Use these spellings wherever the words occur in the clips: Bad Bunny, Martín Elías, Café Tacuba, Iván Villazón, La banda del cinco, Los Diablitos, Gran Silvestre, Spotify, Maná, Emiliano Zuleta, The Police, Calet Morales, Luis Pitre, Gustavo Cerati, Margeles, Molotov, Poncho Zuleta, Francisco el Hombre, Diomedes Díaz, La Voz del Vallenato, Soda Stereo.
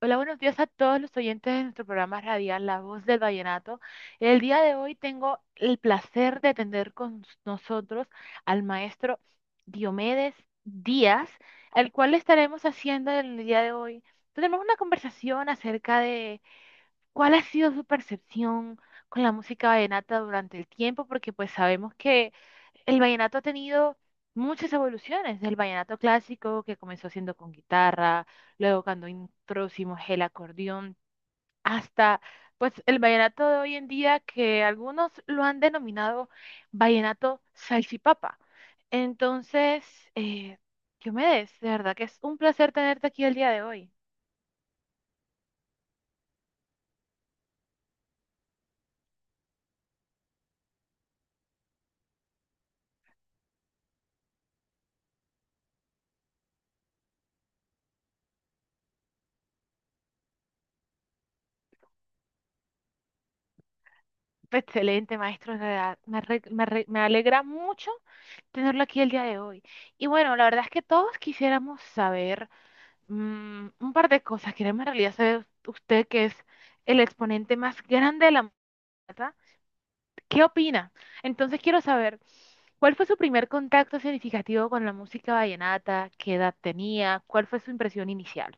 Hola, buenos días a todos los oyentes de nuestro programa radial La Voz del Vallenato. El día de hoy tengo el placer de tener con nosotros al maestro Diomedes Díaz, al cual le estaremos haciendo el día de hoy. Tenemos una conversación acerca de cuál ha sido su percepción con la música vallenata durante el tiempo, porque pues sabemos que el vallenato ha tenido muchas evoluciones. El vallenato clásico, que comenzó siendo con guitarra, luego cuando introducimos el acordeón, hasta pues el vallenato de hoy en día, que algunos lo han denominado vallenato salchipapa. Entonces, eh, Diomedes, de verdad que es un placer tenerte aquí el día de hoy. Excelente, maestro, de verdad. Me alegra mucho tenerlo aquí el día de hoy. Y bueno, la verdad es que todos quisiéramos saber. Un par de cosas. Queremos en realidad saber, usted que es el exponente más grande de la música, ¿qué opina? Entonces quiero saber, ¿cuál fue su primer contacto significativo con la música vallenata? ¿Qué edad tenía? ¿Cuál fue su impresión inicial?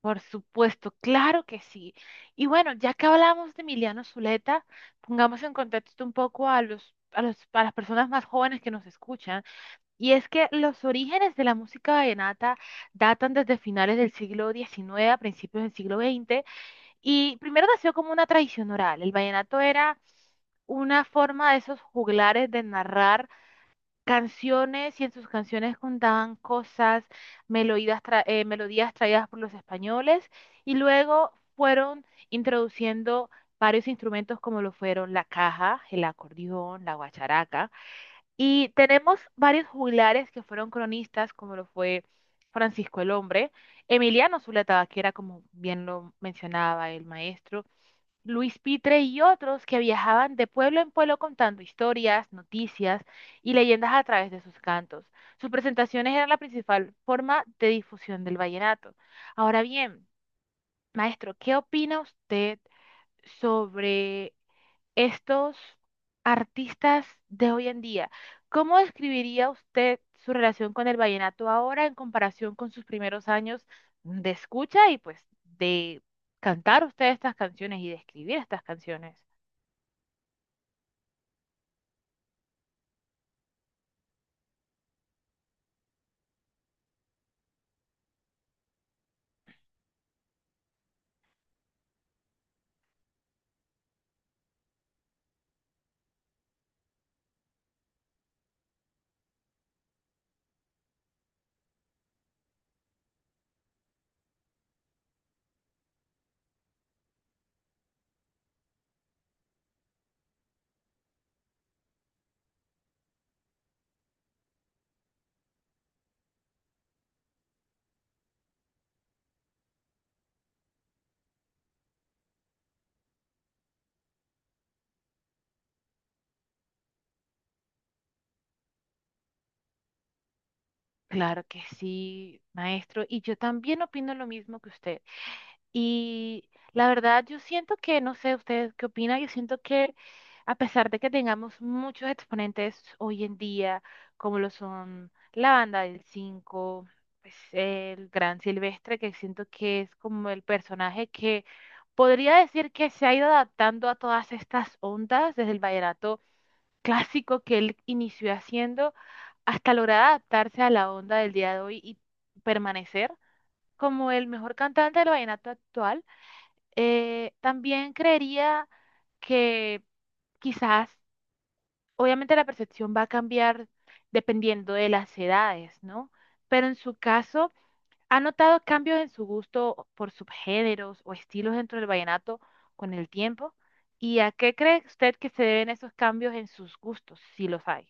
Por supuesto, claro que sí. Y bueno, ya que hablamos de Emiliano Zuleta, pongamos en contexto un poco a las personas más jóvenes que nos escuchan. Y es que los orígenes de la música vallenata datan desde finales del siglo XIX a principios del siglo XX, y primero nació como una tradición oral. El vallenato era una forma de esos juglares de narrar canciones, y en sus canciones contaban cosas, melodías, melodías traídas por los españoles, y luego fueron introduciendo varios instrumentos como lo fueron la caja, el acordeón, la guacharaca. Y tenemos varios juglares que fueron cronistas, como lo fue Francisco el Hombre, Emiliano Zuleta, que era como bien lo mencionaba el maestro, Luis Pitre y otros que viajaban de pueblo en pueblo contando historias, noticias y leyendas a través de sus cantos. Sus presentaciones eran la principal forma de difusión del vallenato. Ahora bien, maestro, ¿qué opina usted sobre estos artistas de hoy en día? ¿Cómo describiría usted su relación con el vallenato ahora en comparación con sus primeros años de escucha y pues de cantar usted estas canciones y de escribir estas canciones? Claro que sí, maestro, y yo también opino lo mismo que usted. Y la verdad, yo siento que, no sé, ustedes qué opinan, yo siento que a pesar de que tengamos muchos exponentes hoy en día, como lo son la banda del cinco, pues, el Gran Silvestre, que siento que es como el personaje que podría decir que se ha ido adaptando a todas estas ondas, desde el vallenato clásico que él inició haciendo, hasta lograr adaptarse a la onda del día de hoy y permanecer como el mejor cantante del vallenato actual. También creería que quizás, obviamente la percepción va a cambiar dependiendo de las edades, ¿no? Pero en su caso, ¿ha notado cambios en su gusto por subgéneros o estilos dentro del vallenato con el tiempo? ¿Y a qué cree usted que se deben esos cambios en sus gustos, si los hay?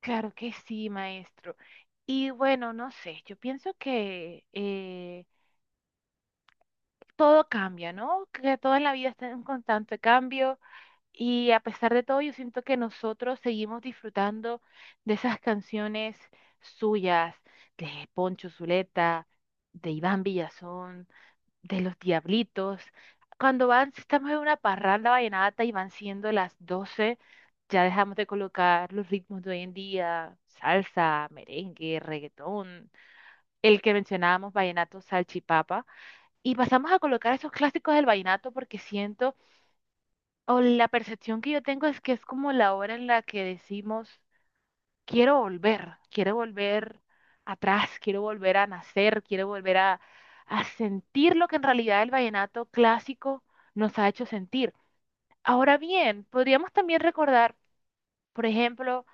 Claro que sí, maestro. Y bueno, no sé, yo pienso que todo cambia, ¿no? Que todo en la vida está en constante cambio. Y a pesar de todo, yo siento que nosotros seguimos disfrutando de esas canciones suyas, de Poncho Zuleta, de Iván Villazón, de Los Diablitos. Cuando van, si estamos en una parranda vallenata y van siendo las doce, ya dejamos de colocar los ritmos de hoy en día, salsa, merengue, reggaetón, el que mencionábamos, vallenato, salchipapa, y pasamos a colocar esos clásicos del vallenato, porque siento, o la percepción que yo tengo es que es como la hora en la que decimos, quiero volver atrás, quiero volver a nacer, quiero volver a sentir lo que en realidad el vallenato clásico nos ha hecho sentir. Ahora bien, podríamos también recordar, por ejemplo,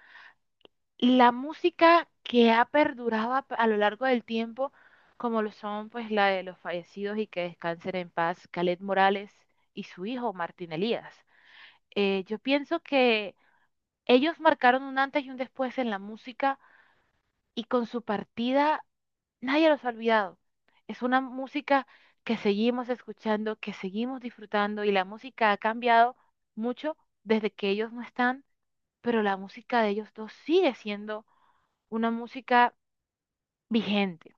la música que ha perdurado a lo largo del tiempo, como lo son pues la de los fallecidos y que descansen en paz, Calet Morales y su hijo Martín Elías. Yo pienso que ellos marcaron un antes y un después en la música, y con su partida nadie los ha olvidado. Es una música que seguimos escuchando, que seguimos disfrutando, y la música ha cambiado mucho desde que ellos no están, pero la música de ellos dos sigue siendo una música vigente.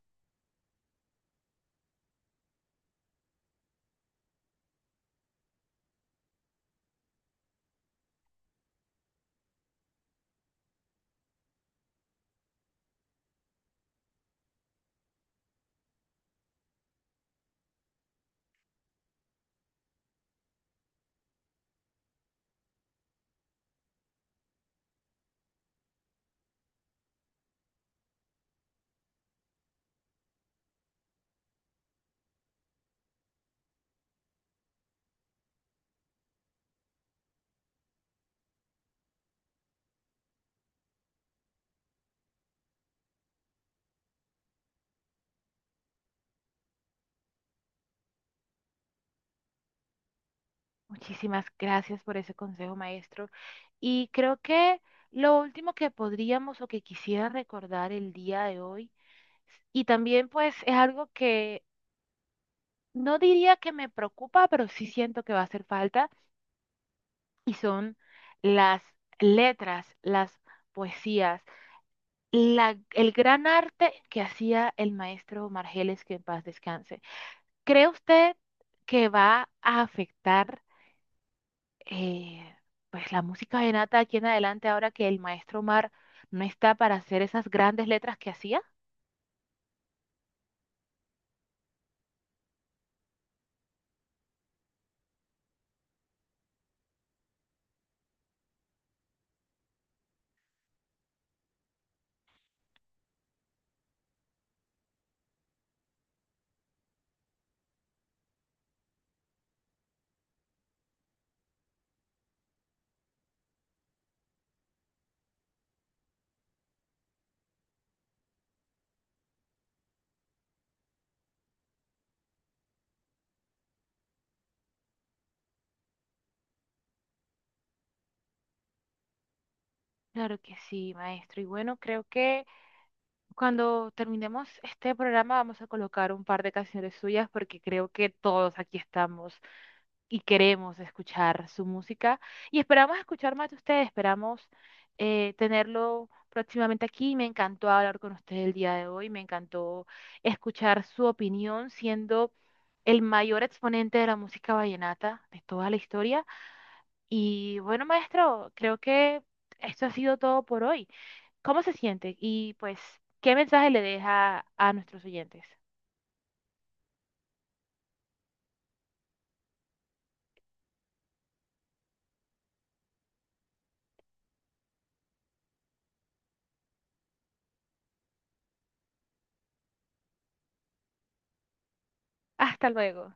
Muchísimas gracias por ese consejo, maestro. Y creo que lo último que podríamos o que quisiera recordar el día de hoy, y también pues es algo que no diría que me preocupa, pero sí siento que va a hacer falta, y son las letras, las poesías, el gran arte que hacía el maestro Margeles, que en paz descanse. ¿Cree usted que va a afectar, eh, pues la música venata aquí en adelante ahora que el maestro Mar no está para hacer esas grandes letras que hacía? Claro que sí, maestro. Y bueno, creo que cuando terminemos este programa vamos a colocar un par de canciones suyas, porque creo que todos aquí estamos y queremos escuchar su música, y esperamos escuchar más de usted, esperamos tenerlo próximamente aquí. Me encantó hablar con usted el día de hoy, me encantó escuchar su opinión siendo el mayor exponente de la música vallenata de toda la historia. Y bueno, maestro, creo que esto ha sido todo por hoy. Cómo se sienten y pues qué mensaje le deja a nuestros oyentes. Hasta luego.